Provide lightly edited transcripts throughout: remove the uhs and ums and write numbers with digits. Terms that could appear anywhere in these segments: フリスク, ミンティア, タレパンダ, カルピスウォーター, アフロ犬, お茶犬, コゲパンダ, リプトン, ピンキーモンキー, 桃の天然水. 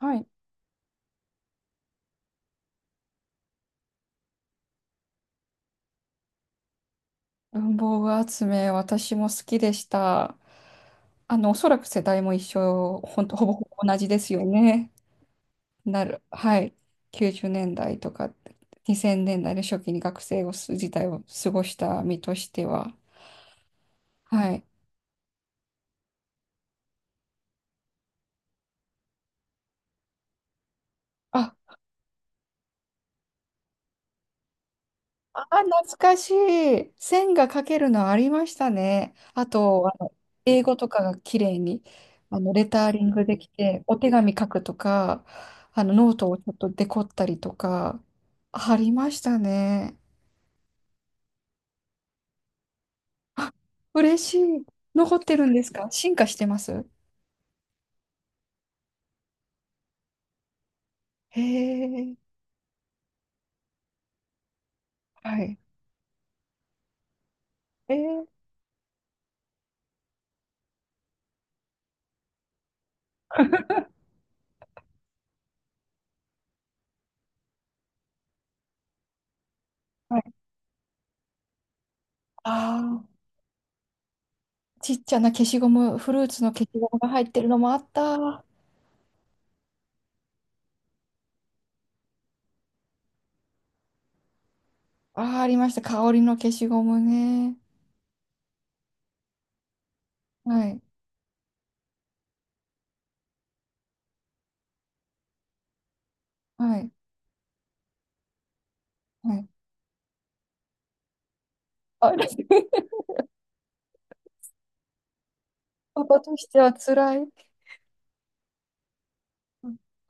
はい。文房具集め、私も好きでした。おそらく世代も一緒、ほんと、ほぼほぼ同じですよね。なる。はい。90年代とか2000年代の初期に学生をす時代を過ごした身としては。はい。あ、あー、懐かしい。線が描けるのありましたね。あと、英語とかが綺麗に、レターリングできて、お手紙書くとか、ノートをちょっとデコったりとか、ありましたね。あ、嬉しい。残ってるんですか？進化してます？へえ、はい。えー、はい。ああ、ちっちゃな消しゴム、フルーツの消しゴムが入ってるのもあった。ああ、ありました。香りの消しゴムね。はい。はい。はい。あれ パパとしては辛い。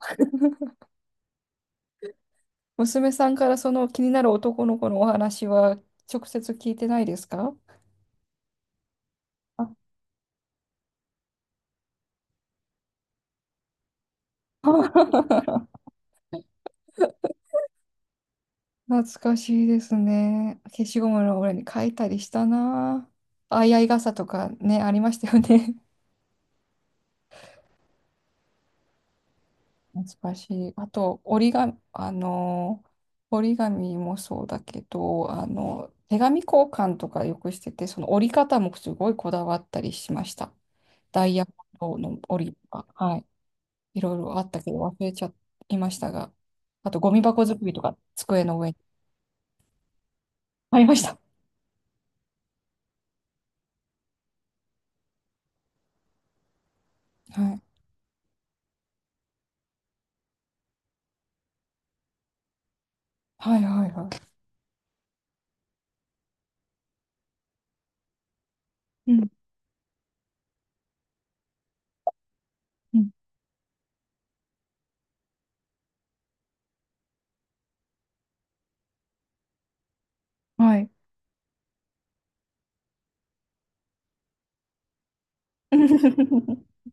娘さんからその気になる男の子のお話は直接聞いてないですか？あ 懐かしいですね。消しゴムの裏に書いたりしたな。あいあい傘とかね、ありましたよね。難しい。あと、折り紙、折り紙もそうだけど、手紙交換とかよくしてて、その折り方もすごいこだわったりしました。ダイヤモンドの折りとか、はい。いろいろあったけど忘れちゃいましたが、あとゴミ箱作りとか机の上にありました。はい。はいはいはい。うん。うん。はい。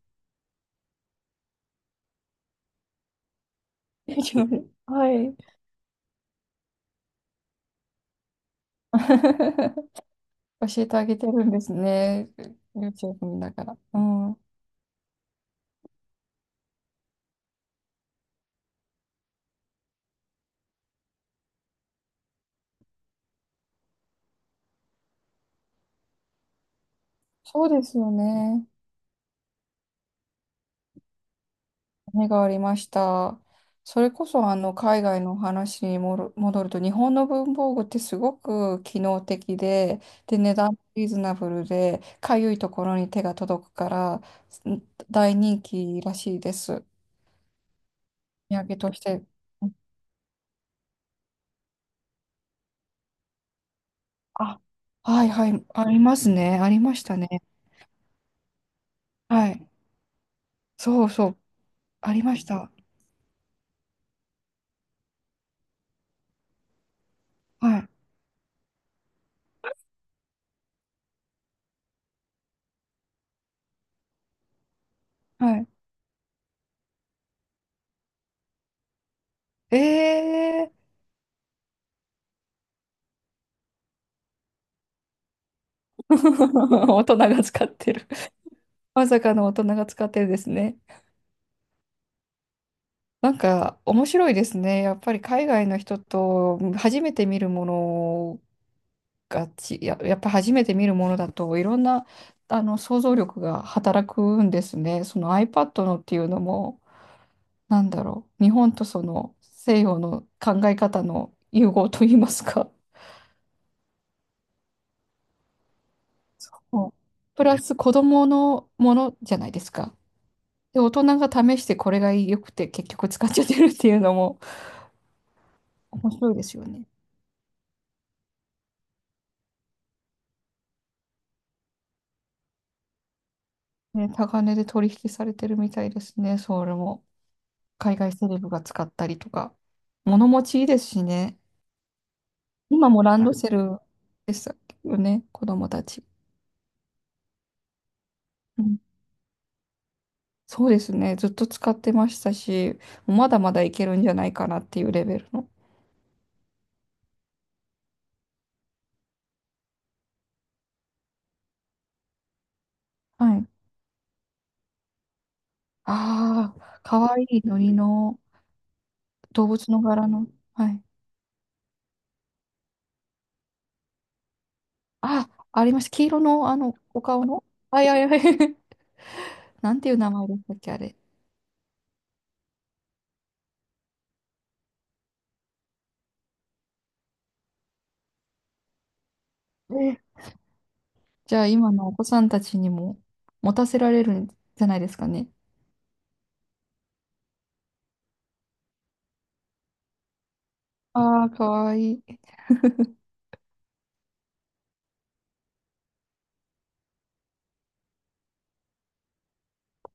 はい。教えてあげてるんですね。YouTube 見ながら。うん。そうですよね。目がありました。それこそあの海外の話にもろ戻ると、日本の文房具ってすごく機能的で、で、値段もリーズナブルで、かゆいところに手が届くから、ん、大人気らしいです。お土産として。あ、はいはい、ありますね。ありましたね。はい。そうそう、ありました。はい。はい。ええー、大人が使ってる。まさかの大人が使ってるんですね。なんか面白いですね。やっぱり海外の人と初めて見るものがち、や、やっぱ初めて見るものだといろんな、あの、想像力が働くんですね。その iPad のっていうのも、なんだろう、日本とその西洋の考え方の融合といいますか。そう、プラス子供のものじゃないですか。で、大人が試してこれが良くて結局使っちゃってるっていうのも面白いですよね。ね、高値で取引されてるみたいですね、それも。海外セレブが使ったりとか。物持ちいいですしね。今もランドセルでしたよね、子供たち。うん、そうですね、ずっと使ってましたし、まだまだいけるんじゃないかなっていうレベルの。はい。ああ、かわいいのりの動物の柄の。はい。あ、ありました。黄色の、お顔の。はいはいはい。なんていう名前でしたっけ、あれ。えー、じゃあ今のお子さんたちにも持たせられるんじゃないですかね。ああ、かわいい。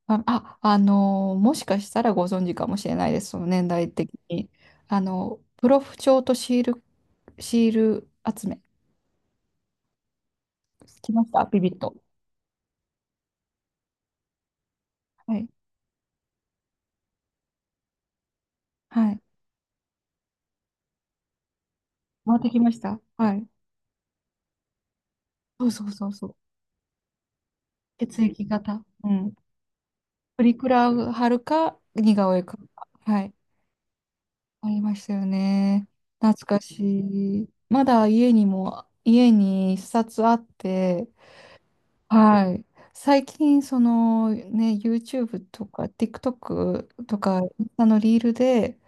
あ、あ、もしかしたらご存知かもしれないです、その年代的に。プロフ帳とシール、シール集め。来ましたビビッと。はい。はい。回ってきましたはい。そうそうそうそう。血液型。うん。プリクラを貼るか、似顔絵か。はい。ありましたよね。懐かしい。まだ家にも、家に一冊あって、はい。最近、そのね、YouTube とか TikTok とか、インスタのリールで、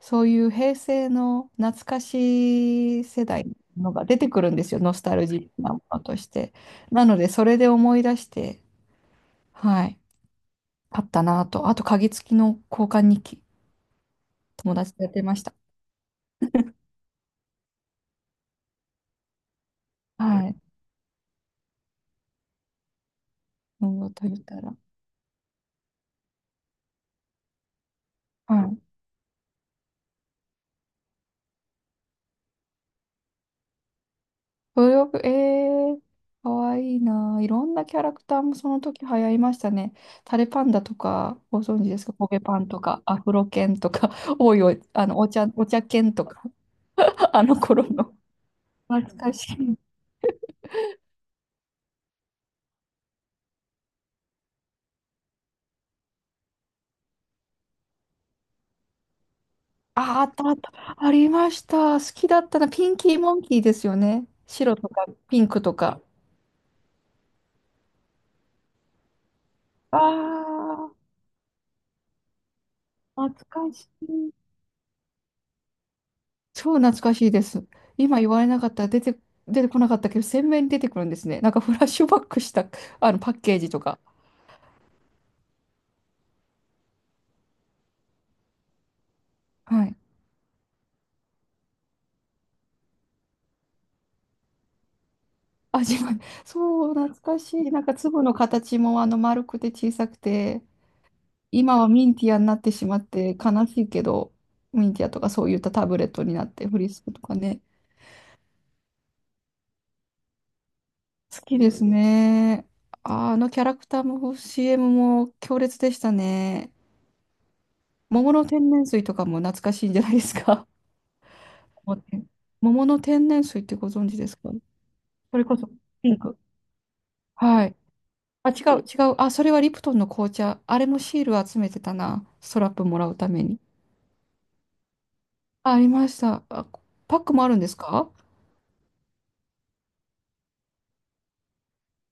そういう平成の懐かしい世代のが出てくるんですよ。ノスタルジーなものとして。なので、それで思い出して、はい。買ったなと。あと、鍵付きの交換日記、友達とやってました。はい。もうと言ったら。はい、ブログ、えー、かわいいなあ。いろんなキャラクターもその時流行りましたね。タレパンダとか、ご存知ですかコゲパンとか、アフロ犬とか、おいおい、お茶犬とか、あの頃の。懐かしい。あ、あったあった。ありました。好きだったな。ピンキーモンキーですよね。白とかピンクとか。ああ、懐かしい。超懐かしいです。今言われなかったら出て、出てこなかったけど、鮮明に出てくるんですね。なんかフラッシュバックしたあのパッケージとか。はい。味わい。そう、懐かしい。なんか粒の形もあの丸くて小さくて、今はミンティアになってしまって悲しいけど、ミンティアとかそういったタブレットになって、フリスクとかね。好きですね。ああのキャラクターも CM も強烈でしたね。桃の天然水とかも懐かしいんじゃないですか？もうね、桃の天然水ってご存知ですか？それこそピンク。はい。あ、違う、違う。あ、それはリプトンの紅茶。あれもシール集めてたな。ストラップもらうために。あ、ありました。あ、パックもあるんですか？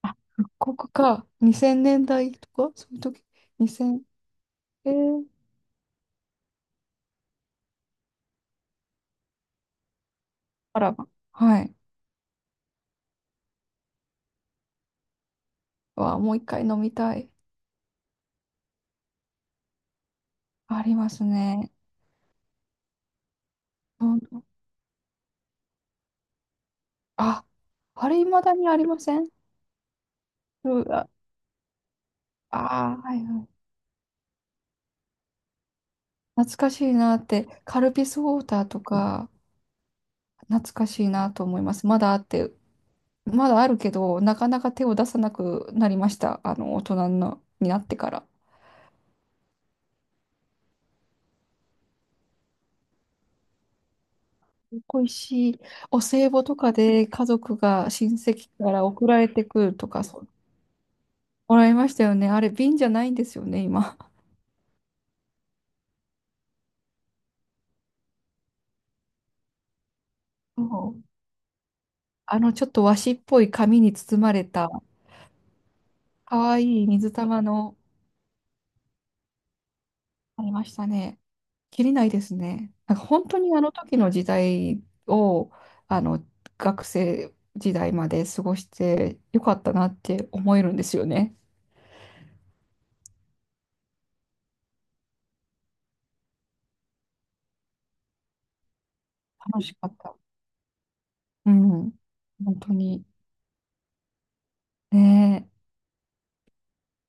あ、復刻か。2000年代とかそういう時。2000、えー、あらま。はい。わ、もう一回飲みたい。ありますね。うん、あ、あれ未だにありません？うわ、あー、はいはい。懐かしいなって、カルピスウォーターとか、懐かしいなと思います。まだあって、まだあるけど、なかなか手を出さなくなりました。大人のになってから。恋しい。お歳暮とかで家族が親戚から送られてくるとか、そうもらいましたよね。あれ、瓶じゃないんですよね、今。そう、ちょっと和紙っぽい紙に包まれた、かわいい水玉の、ありましたね。きりないですね。なんか本当にあの時の時代を、あの、学生時代まで過ごしてよかったなって思えるんですよね。楽しかった。うん。本当に。ねえ